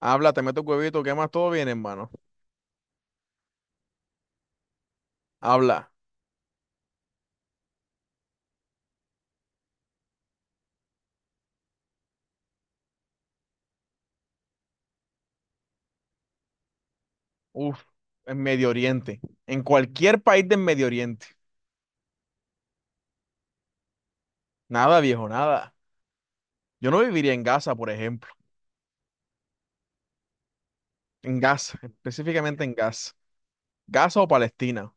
Habla, te meto huevito, ¿qué más? Todo bien, hermano. Habla. Uf, en Medio Oriente. En cualquier país del Medio Oriente. Nada, viejo, nada. Yo no viviría en Gaza, por ejemplo. En Gaza, específicamente en Gaza. Gaza o Palestina. O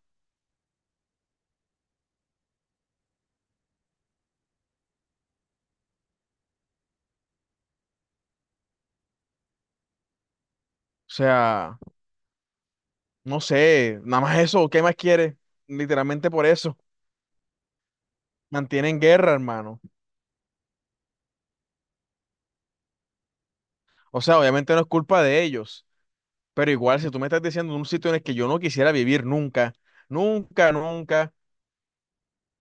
sea, no sé, nada más eso, ¿qué más quieres? Literalmente por eso. Mantienen guerra, hermano. O sea, obviamente no es culpa de ellos. Pero igual, si tú me estás diciendo un sitio en el que yo no quisiera vivir nunca, nunca, nunca,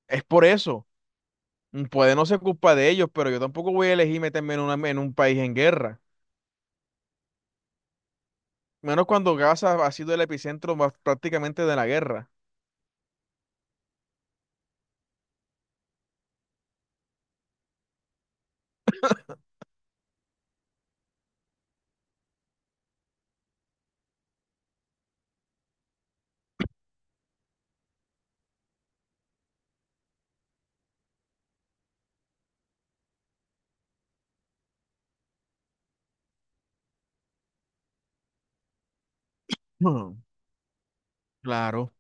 es por eso. Mm, puede no ser culpa de ellos, pero yo tampoco voy a elegir meterme en, en un país en guerra. Menos cuando Gaza ha sido el epicentro más prácticamente de la guerra. Hmm. Claro.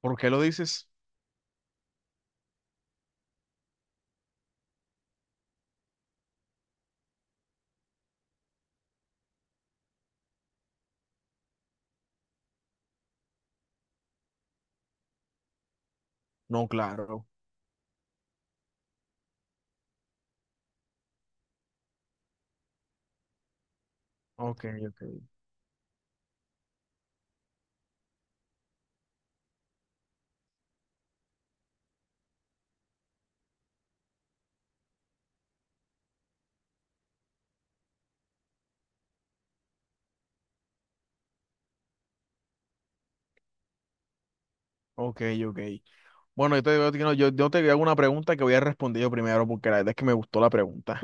¿Por qué lo dices? No, claro. Ok, ok. Ok, ok. Bueno, yo te, digo- yo, te yo- yo te hago una pregunta que voy a responder yo primero porque la verdad es que me gustó la pregunta.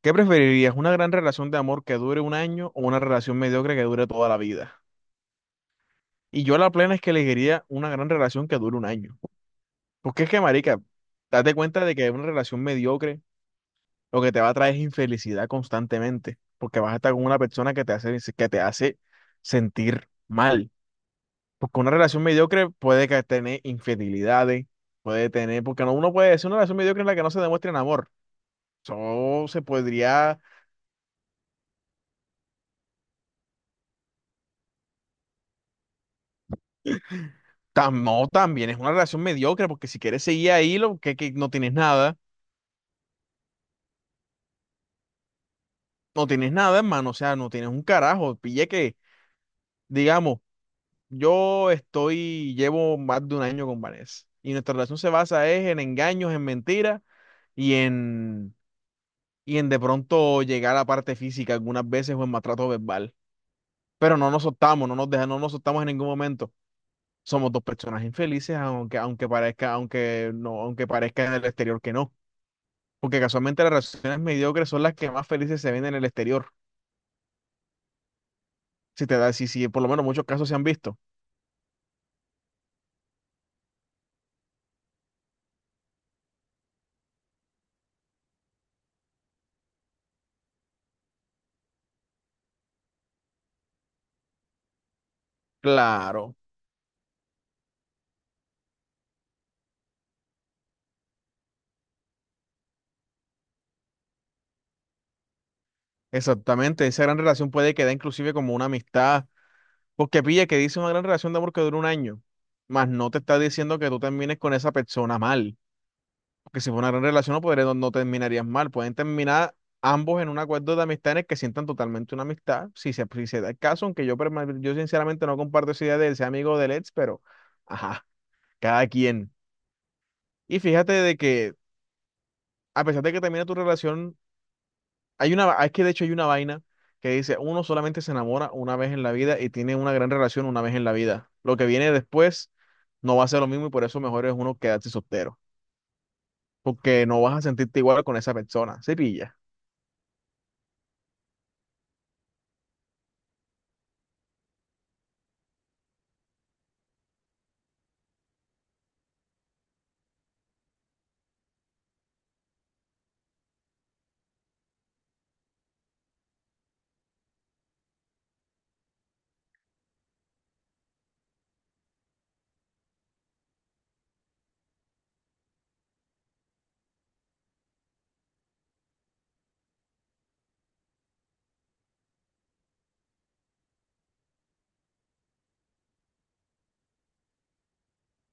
¿Qué preferirías? ¿Una gran relación de amor que dure un año o una relación mediocre que dure toda la vida? Y yo la plena es que elegiría una gran relación que dure un año. Porque es que, marica, date cuenta de que una relación mediocre lo que te va a traer es infelicidad constantemente, porque vas a estar con una persona que te hace sentir mal. Porque una relación mediocre puede que tener infidelidades, puede tener, porque no, uno puede decir una relación mediocre en la que no se demuestra en amor. Eso se podría, no, también es una relación mediocre, porque si quieres seguir ahí, lo que no tienes nada, no tienes nada, hermano, o sea, no tienes un carajo, pille que, digamos. Llevo más de un año con Vanessa y nuestra relación se basa es en engaños, en mentiras y en, y en de pronto llegar a la parte física algunas veces o en maltrato verbal. Pero no nos soltamos, no nos soltamos en ningún momento. Somos dos personas infelices, aunque, aunque parezca, aunque no, aunque parezca en el exterior que no. Porque casualmente las relaciones mediocres son las que más felices se ven en el exterior. Si te da, si por lo menos muchos casos se han visto. Claro, exactamente. Esa gran relación puede quedar inclusive como una amistad. Porque pilla que dice una gran relación de amor que dura un año, más no te está diciendo que tú termines con esa persona mal. Porque si fue una gran relación no, no, no terminarías mal. Pueden terminar ambos en un acuerdo de amistad en el que sientan totalmente una amistad, si se da el caso, aunque yo, yo sinceramente no comparto esa idea de ser amigo del ex, pero ajá, cada quien. Y fíjate de que a pesar de que termine tu relación, hay una, es que de hecho hay una vaina que dice, uno solamente se enamora una vez en la vida y tiene una gran relación una vez en la vida. Lo que viene después no va a ser lo mismo y por eso mejor es uno quedarse soltero, porque no vas a sentirte igual con esa persona. Se pilla.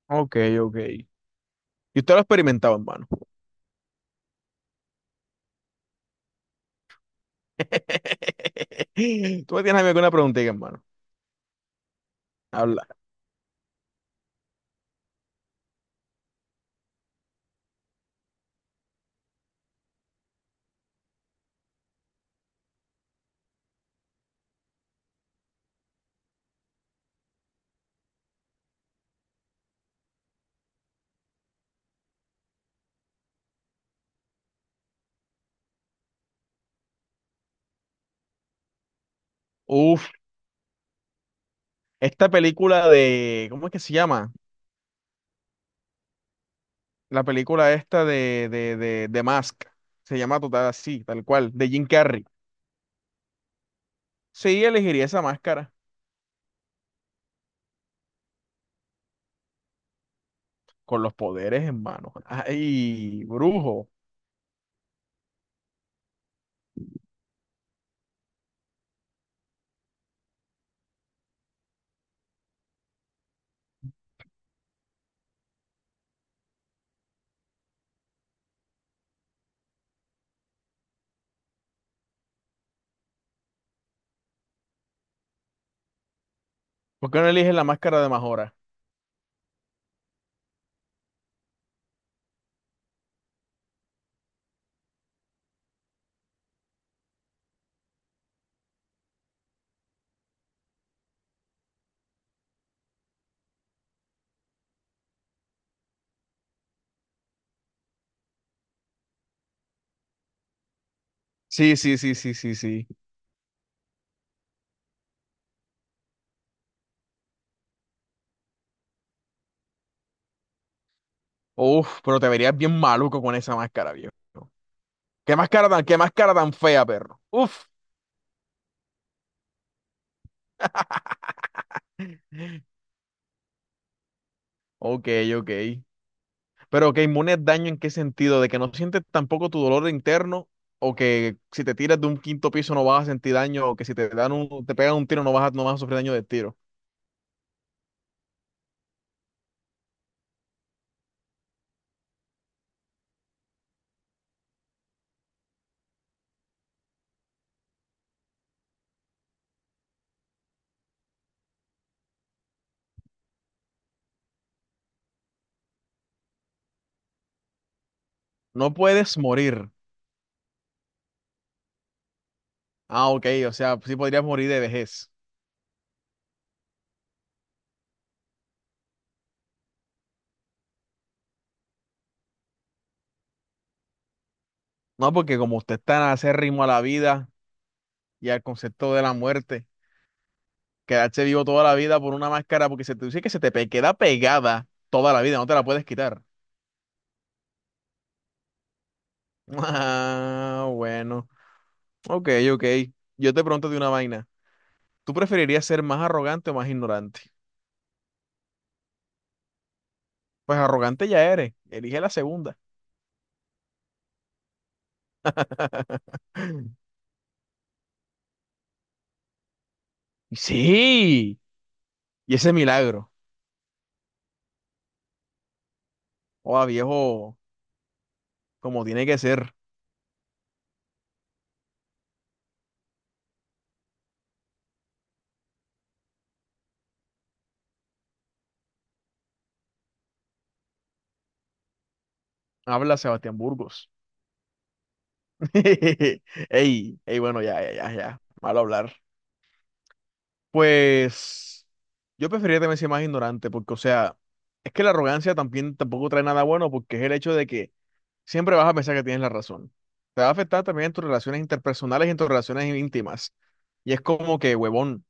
Ok, ok. Y usted lo ha experimentado, hermano. ¿Tú me tienes a mí alguna preguntita, hermano? Habla. Uf, esta película de, ¿cómo es que se llama? La película esta de Mask. Se llama total así, tal cual, de Jim Carrey. Sí, elegiría esa máscara. Con los poderes en mano. Ay, brujo. ¿Por qué no eliges la máscara de Majora? Sí, sí. Uf, pero te verías bien maluco con esa máscara, viejo. Qué máscara tan fea, perro? Uf. Ok, ok. Pero que inmune al daño en qué sentido, de que no sientes tampoco tu dolor interno, o que si te tiras de un quinto piso no vas a sentir daño, o que si te dan un, te pegan un tiro no vas a, no vas a sufrir daño de tiro. No puedes morir. Ah, ok, o sea, sí podrías morir de vejez. No, porque como usted está tan acérrimo a la vida y al concepto de la muerte, quedarse vivo toda la vida por una máscara, porque se te dice que queda pegada toda la vida, no te la puedes quitar. Ah, bueno. Ok, ok. Yo te pregunto de una vaina. ¿Tú preferirías ser más arrogante o más ignorante? Pues arrogante ya eres. Elige la segunda. Sí. Y ese milagro. Oh, viejo, como tiene que ser. Habla Sebastián Burgos. Ey, ey, bueno, ya. Malo hablar. Pues yo preferiría también ser más ignorante, porque, o sea, es que la arrogancia también tampoco trae nada bueno, porque es el hecho de que siempre vas a pensar que tienes la razón. Te va a afectar también en tus relaciones interpersonales y en tus relaciones íntimas. Y es como que, huevón,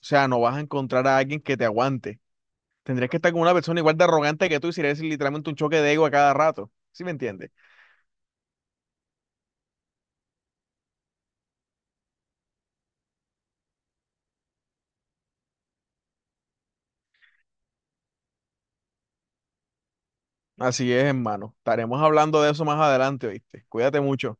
o sea, no vas a encontrar a alguien que te aguante. Tendrías que estar con una persona igual de arrogante que tú y sería literalmente un choque de ego a cada rato. ¿Sí me entiendes? Así es, hermano. Estaremos hablando de eso más adelante, ¿oíste? Cuídate mucho.